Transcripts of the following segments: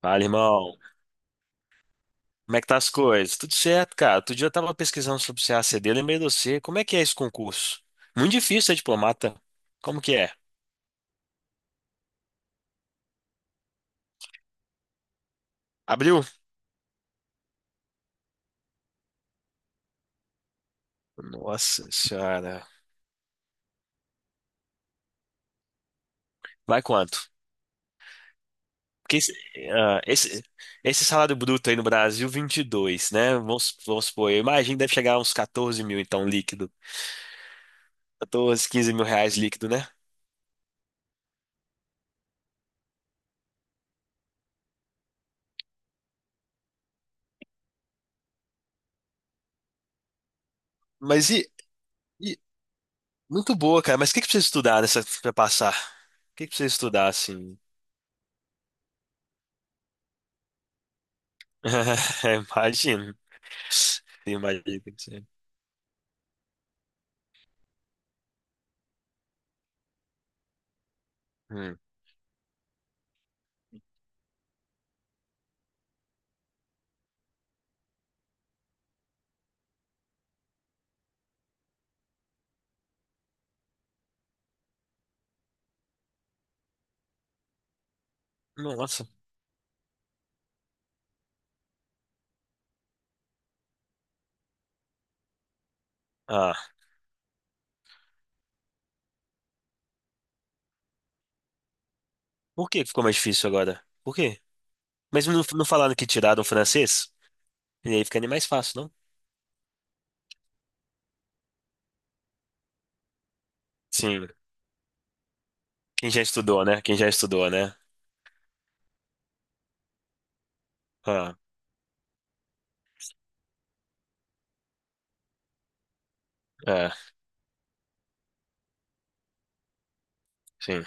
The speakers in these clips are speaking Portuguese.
Fala, irmão. Como é que tá as coisas? Tudo certo, cara. Outro dia eu tava pesquisando sobre o CACD, lembrei de você. Como é que é esse concurso? Muito difícil ser diplomata. Como que é? Abriu? Nossa senhora. Vai quanto? Porque ah, esse, esse salário bruto aí no Brasil, 22, né? Vamos supor, eu imagino que deve chegar a uns 14 mil, então, líquido. 14, 15 mil reais líquido, né? Mas e, e- muito boa, cara. Mas o que que precisa estudar nessa, pra passar? O que que precisa estudar, assim? Imagino. Imagina que sim. Hum. Nossa. Ah, por que ficou mais difícil agora? Por quê? Mas não, não falaram que tiraram o francês? E aí fica nem mais fácil, não? Sim. Quem já estudou, né? Quem já estudou, né? Ah, é, sim.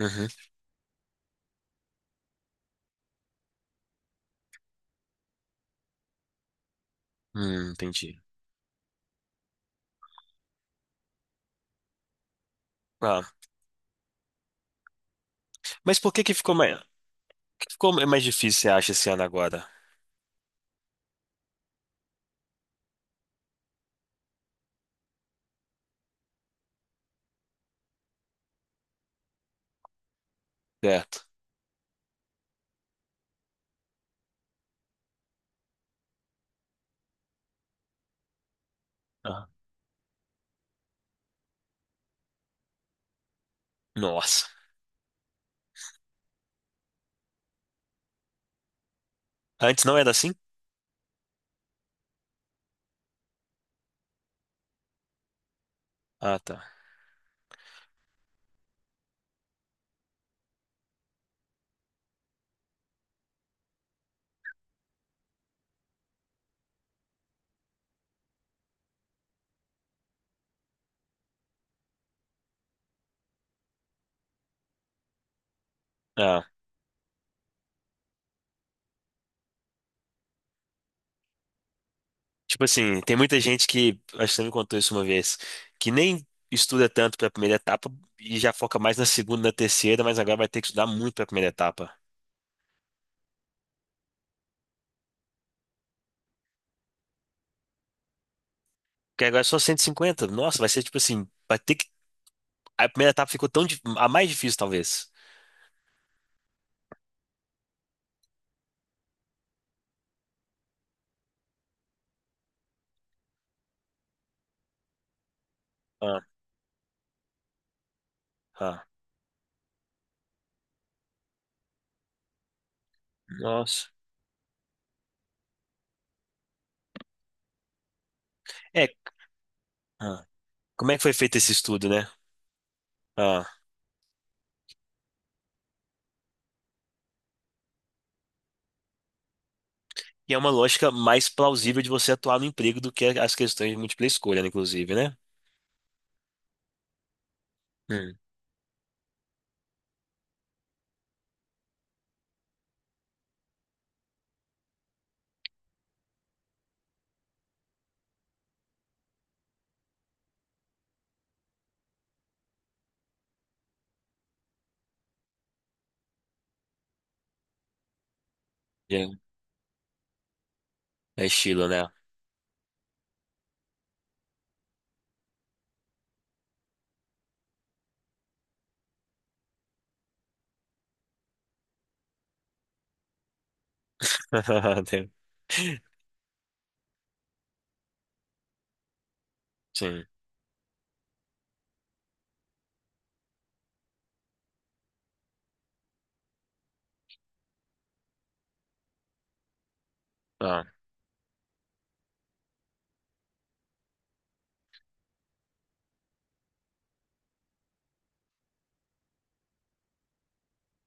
Uhum. Entendi. Ah, mas por que que ficou mais difícil, você acha, esse ano agora? Certo. Ah, nossa. Antes não era assim? Ah, tá. Ah, tipo assim, tem muita gente que, acho que você me contou isso uma vez, que nem estuda tanto para a primeira etapa e já foca mais na segunda, na terceira, mas agora vai ter que estudar muito para a primeira etapa. Porque agora é só 150. Nossa, vai ser tipo assim, vai ter que. A primeira etapa ficou tão dif- a mais difícil, talvez. Ah, ah, nossa. É, ah, como é que foi feito esse estudo, né? Ah, e é uma lógica mais plausível de você atuar no emprego do que as questões de múltipla escolha, né, inclusive, né? Hum, é, é estilo, né? Sim.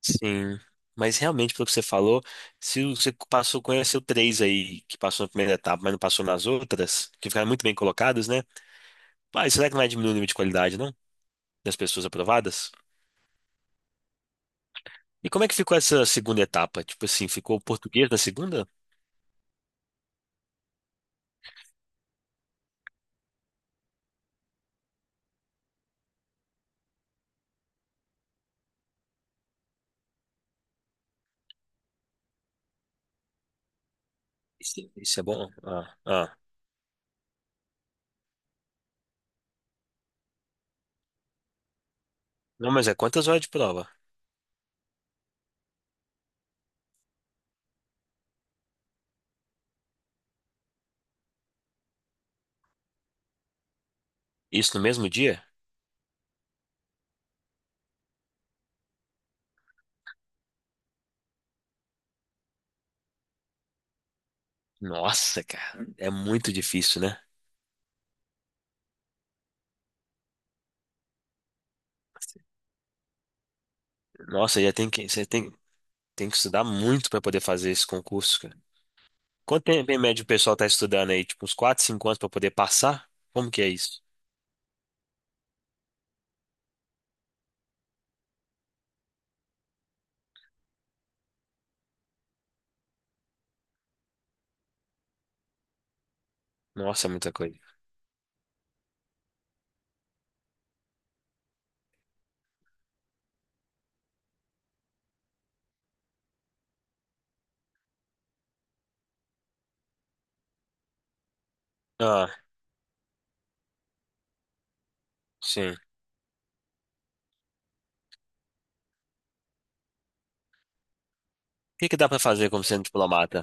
Sim. Mas realmente, pelo que você falou, se você passou, conheceu três aí que passou na primeira etapa, mas não passou nas outras, que ficaram muito bem colocadas, né? Mas será que não vai diminuir o nível de qualidade, não? Das pessoas aprovadas? E como é que ficou essa segunda etapa? Tipo assim, ficou o português na segunda? Isso é bom? Ah, ah. Não, mas é quantas horas de prova? Isso no mesmo dia? Nossa, cara, é muito difícil, né? Nossa, já tem que estudar muito para poder fazer esse concurso. Quanto tempo em média o pessoal tá estudando aí? Tipo, uns 4, 5 anos pra poder passar? Como que é isso? Nossa, é muita coisa. Ah, sim. O que que dá pra fazer como sendo diplomata?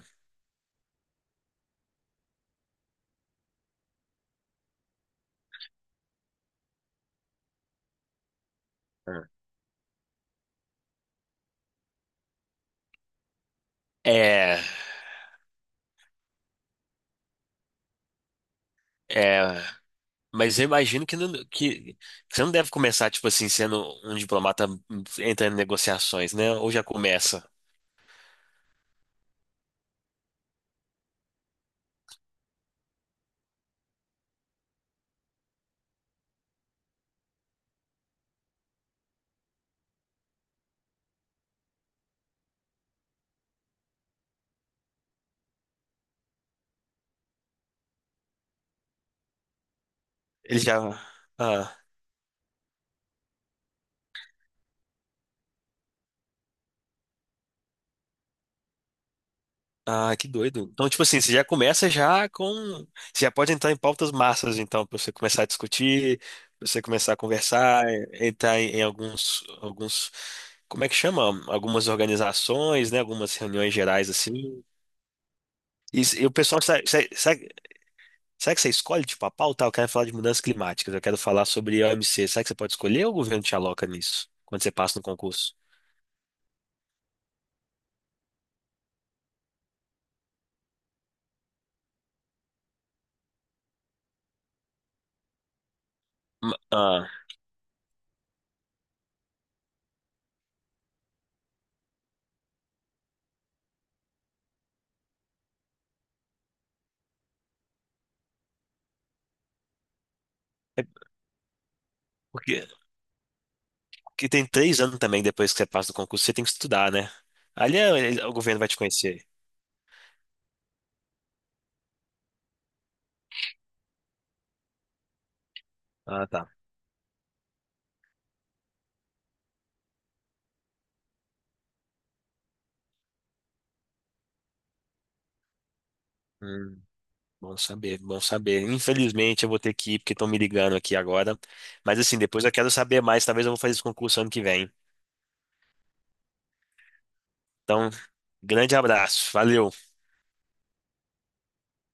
Ah. É, é, mas eu imagino que, não, que você não deve começar, tipo assim, sendo um diplomata entrando em negociações, né? Ou já começa? Ele já. Ah. Ah, que doido. Então, tipo assim, você já começa já com. Você já pode entrar em pautas massas, então, para você começar a discutir, pra você começar a conversar, entrar em alguns. Como é que chama? Algumas organizações, né? Algumas reuniões gerais, assim. E, e o pessoal, sabe, será que você escolhe, tipo, a pauta? Ah, eu quero falar de mudanças climáticas, eu quero falar sobre o MC. Será que você pode escolher ou o governo te aloca nisso, quando você passa no concurso? Ah, é porque. Que tem 3 anos também depois que você passa do concurso, você tem que estudar, né? Ali o governo vai te conhecer. Ah, tá. Hum, bom saber, bom saber. Infelizmente eu vou ter que ir porque estão me ligando aqui agora. Mas assim, depois eu quero saber mais. Talvez eu vou fazer esse concurso ano que vem. Então, grande abraço. Valeu.